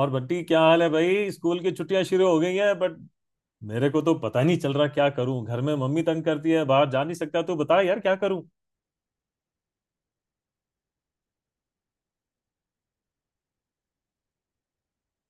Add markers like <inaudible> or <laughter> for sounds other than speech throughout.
और बट्टी क्या हाल है भाई। स्कूल की छुट्टियां शुरू हो गई हैं बट मेरे को तो पता नहीं चल रहा क्या करूं। घर में मम्मी तंग करती है, बाहर जा नहीं सकता, तो बता यार क्या करूं।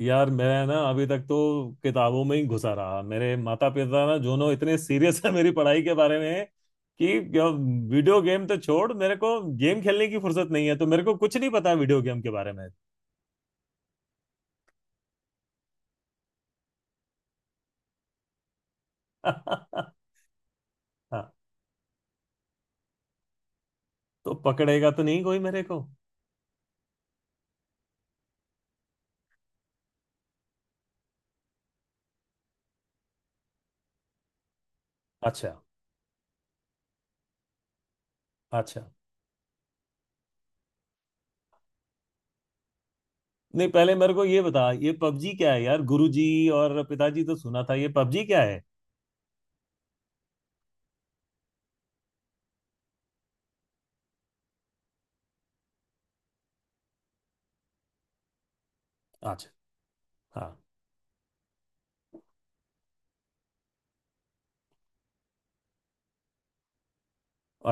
यार मैं ना अभी तक तो किताबों में ही घुसा रहा। मेरे माता पिता ना दोनों इतने सीरियस है मेरी पढ़ाई के बारे में कि वीडियो गेम तो छोड़, मेरे को गेम खेलने की फुर्सत नहीं है, तो मेरे को कुछ नहीं पता वीडियो गेम के बारे में। <laughs> हाँ, तो पकड़ेगा तो नहीं कोई मेरे को। अच्छा। अच्छा। नहीं पहले मेरे को ये बता, ये पबजी क्या है यार गुरुजी। और पिताजी, तो सुना था ये पबजी क्या है। अच्छा। हाँ।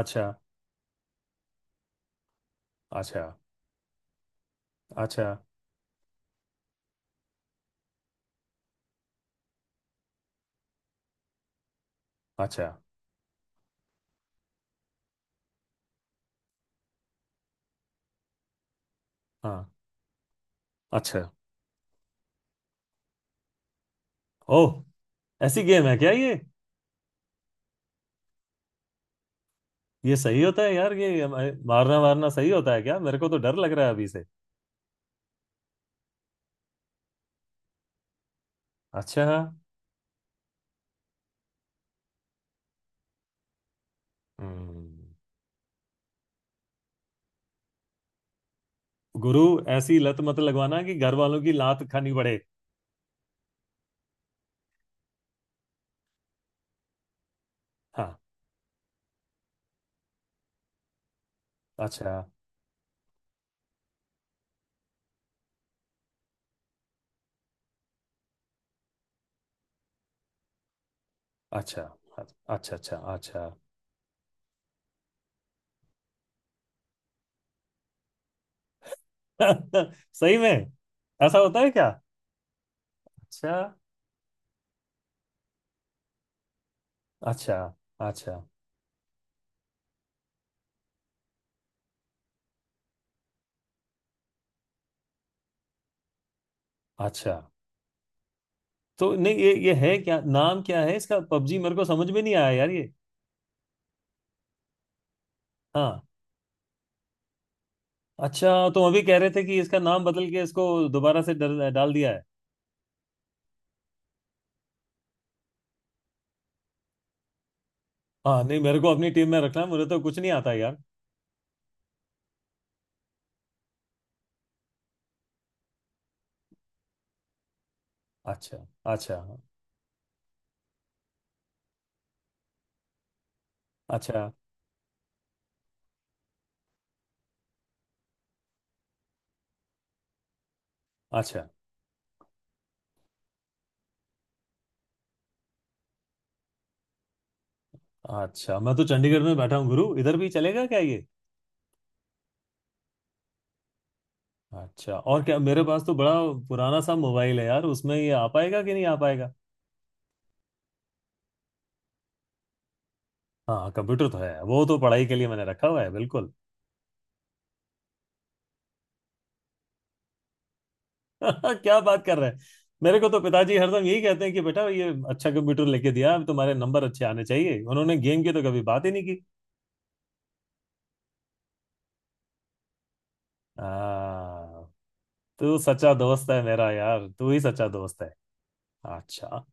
अच्छा अच्छा अच्छा अच्छा। हाँ। अच्छा। ओह। ऐसी गेम है क्या ये? ये सही होता है यार, ये मारना वारना सही होता है क्या? मेरे को तो डर लग रहा है अभी से। अच्छा। हम्म। गुरु, ऐसी लत मत लगवाना कि घर वालों की लात खानी पड़े। हाँ। अच्छा अच्छा अच्छा अच्छा अच्छा अच्छा। <laughs> सही में? ऐसा होता है क्या? अच्छा अच्छा अच्छा अच्छा। तो नहीं, ये है, क्या नाम क्या है इसका? पबजी मेरे को समझ में नहीं आया यार ये। हाँ। अच्छा, तो अभी कह रहे थे कि इसका नाम बदल के इसको दोबारा से डाल दिया है। हाँ नहीं, मेरे को अपनी टीम में रखना है, मुझे तो कुछ नहीं आता यार। अच्छा अच्छा अच्छा अच्छा अच्छा। मैं तो चंडीगढ़ में बैठा हूँ गुरु, इधर भी चलेगा क्या ये? अच्छा। और क्या? मेरे पास तो बड़ा पुराना सा मोबाइल है यार, उसमें ये आ पाएगा कि नहीं आ पाएगा। हाँ कंप्यूटर तो है, वो तो पढ़ाई के लिए मैंने रखा हुआ है बिल्कुल। <laughs> क्या बात कर रहे हैं। मेरे को तो पिताजी हरदम यही कहते हैं कि बेटा ये अच्छा कंप्यूटर लेके दिया, अब तुम्हारे नंबर अच्छे आने चाहिए। उन्होंने गेम की तो कभी बात ही नहीं की। आ, तू सच्चा दोस्त है मेरा यार, तू ही सच्चा दोस्त है। अच्छा।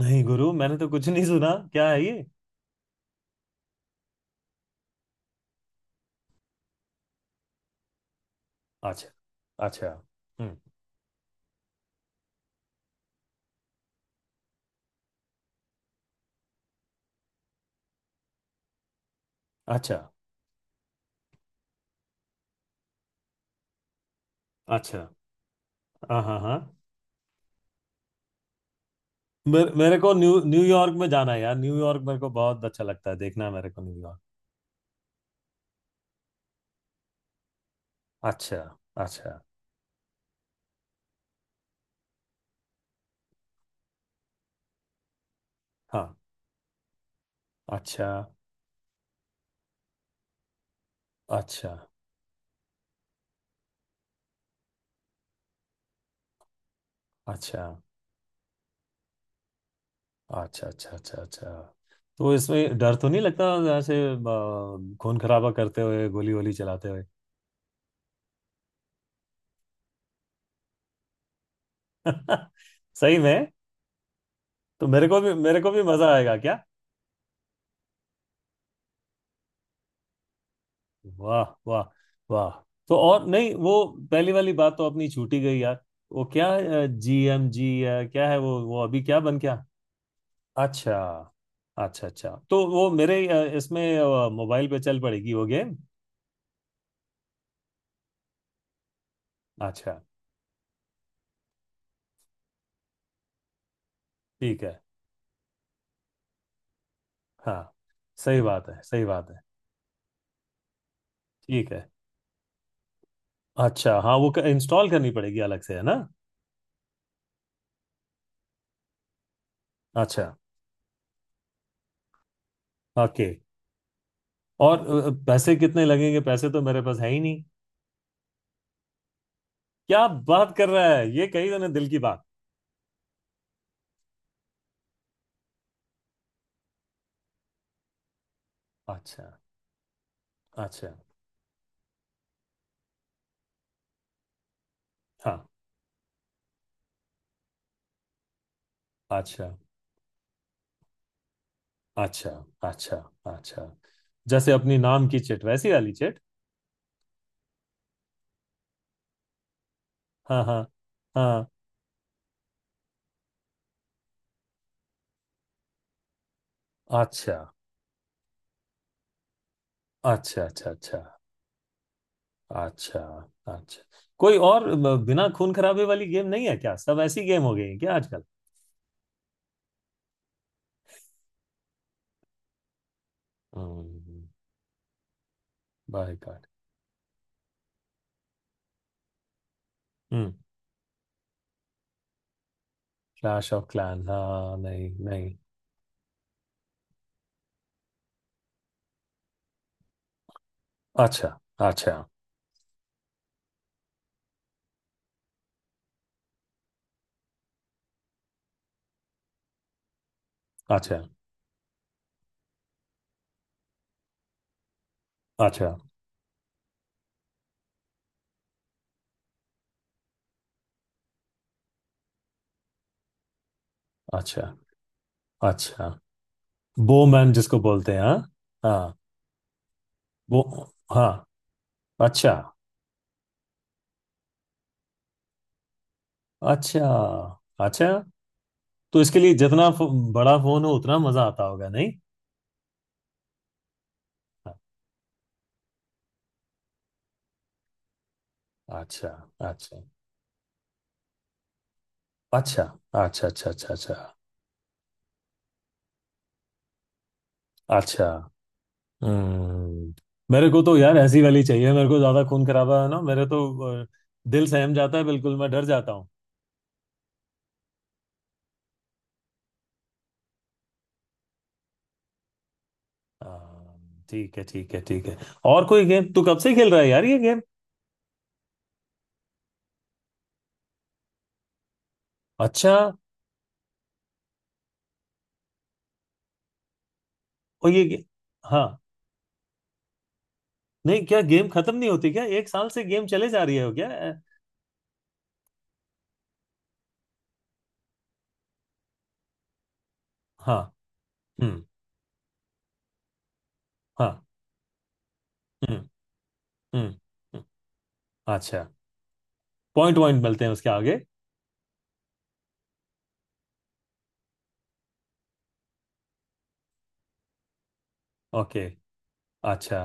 नहीं गुरु, मैंने तो कुछ नहीं सुना, क्या है ये? अच्छा अच्छा। हम्म। अच्छा अच्छा। हाँ हाँ हाँ। मेरे को न्यूयॉर्क में जाना है यार, न्यूयॉर्क मेरे को बहुत अच्छा लगता है, देखना है मेरे को न्यूयॉर्क। अच्छा अच्छा। हाँ। अच्छा अच्छा अच्छा अच्छा अच्छा अच्छा अच्छा। तो इसमें डर तो नहीं लगता? ऐसे खून खराबा करते हुए गोली वोली चलाते हुए। <laughs> सही में? तो मेरे को भी मजा आएगा क्या? वाह वाह। वाह। तो और नहीं वो, पहली वाली बात तो अपनी छूटी गई यार। वो क्या? GMG। क्या है वो अभी क्या बन गया? अच्छा अच्छा अच्छा। तो वो मेरे इसमें मोबाइल पे चल पड़ेगी वो गेम। अच्छा। ठीक है। हाँ सही बात है सही बात है। ठीक है। अच्छा हाँ, वो इंस्टॉल करनी पड़ेगी अलग से है ना? अच्छा। ओके। और पैसे कितने लगेंगे? पैसे तो मेरे पास है ही नहीं। क्या बात कर रहा है ये, कही तूने दिल की बात। अच्छा अच्छा। हाँ। अच्छा अच्छा अच्छा अच्छा। जैसे अपनी नाम की चिट, वैसी वाली चिट। हाँ हाँ। हाँ। अच्छा अच्छा अच्छा अच्छा अच्छा अच्छा। कोई और बिना खून खराबे वाली गेम नहीं है क्या? सब ऐसी गेम हो गई है क्या आजकल? हम्म। By God. हम्म। Clash of clan. हाँ नहीं नहीं। अच्छा अच्छा अच्छा अच्छा अच्छा अच्छा। बोमैन जिसको बोलते हैं, हाँ। हाँ। वो। हाँ। अच्छा अच्छा अच्छा। तो इसके लिए जितना बड़ा फोन हो उतना मजा आता होगा नहीं? हाँ, अच्छा अच्छा अच्छा अच्छा अच्छा अच्छा अच्छा अच्छा। हम्म। मेरे को तो यार ऐसी वाली चाहिए, मेरे को ज्यादा खून खराबा है ना मेरे तो अ, दिल सहम जाता है बिल्कुल, मैं डर जाता हूँ। हाँ, ठीक है ठीक है ठीक है। और कोई गेम तू कब से खेल रहा है यार ये गेम? अच्छा। और हाँ। नहीं क्या गेम खत्म नहीं होती क्या? एक साल से गेम चले जा रही है क्या हाँ। हम्म। हाँ। हम्म। हम्म। हम्म, अच्छा। पॉइंट पॉइंट मिलते हैं उसके आगे? ओके। अच्छा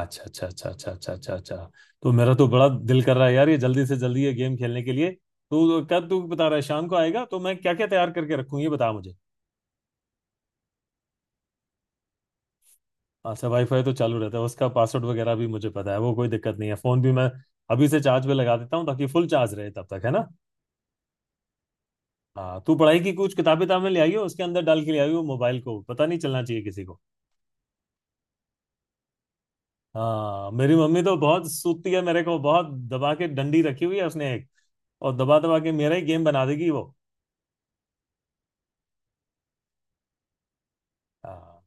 अच्छा अच्छा अच्छा अच्छा अच्छा अच्छा अच्छा। तो मेरा तो बड़ा दिल कर रहा है यार ये जल्दी से जल्दी ये गेम खेलने के लिए। तू कब, तू बता रहा है शाम को आएगा, तो मैं क्या क्या तैयार करके रखूँ ये बता मुझे। अच्छा वाईफाई तो चालू रहता है, उसका पासवर्ड वगैरह भी मुझे पता है, वो कोई दिक्कत नहीं है। फोन भी मैं अभी से चार्ज पे लगा देता हूँ ताकि फुल चार्ज रहे तब तक, है ना। हाँ तू पढ़ाई की कुछ किताबें ताबें ले आई हो, उसके अंदर डाल के ले आई हो मोबाइल को, पता नहीं चलना चाहिए किसी को। हाँ मेरी मम्मी तो बहुत सूती है, मेरे को बहुत दबा के डंडी रखी हुई है उसने एक, और दबा दबा के मेरा ही गेम बना देगी वो। हाँ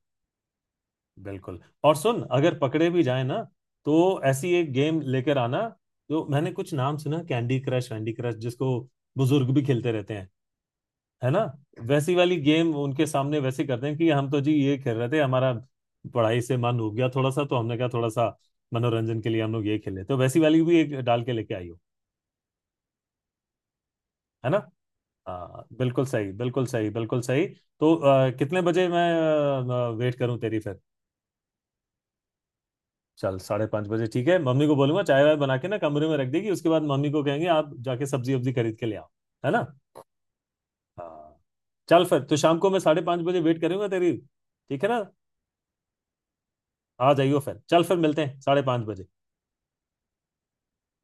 बिल्कुल। और सुन, अगर पकड़े भी जाए ना, तो ऐसी एक गेम लेकर आना, जो मैंने कुछ नाम सुना, कैंडी क्रश वैंडी क्रश जिसको बुजुर्ग भी खेलते रहते हैं, है ना? वैसी वाली गेम उनके सामने वैसे करते हैं कि हम तो जी ये खेल रहे थे, हमारा पढ़ाई से मन हो गया थोड़ा सा, तो हमने कहा थोड़ा सा मनोरंजन के लिए हम लोग ये खेले। तो वैसी वाली भी एक डाल के लेके आई हो, है ना? हाँ बिल्कुल सही, बिल्कुल सही, बिल्कुल सही। तो कितने बजे मैं वेट करूं तेरी फिर? चल 5:30 बजे ठीक है। मम्मी को बोलूंगा चाय वाय बना के ना कमरे में रख देगी, उसके बाद मम्मी को कहेंगे आप जाके सब्जी वब्जी खरीद के ले आओ, है ना? हाँ। चल फिर तो शाम को मैं 5:30 बजे वेट करूंगा तेरी। ठीक है ना? आ जाइयो फिर, चल फिर मिलते हैं 5:30 बजे।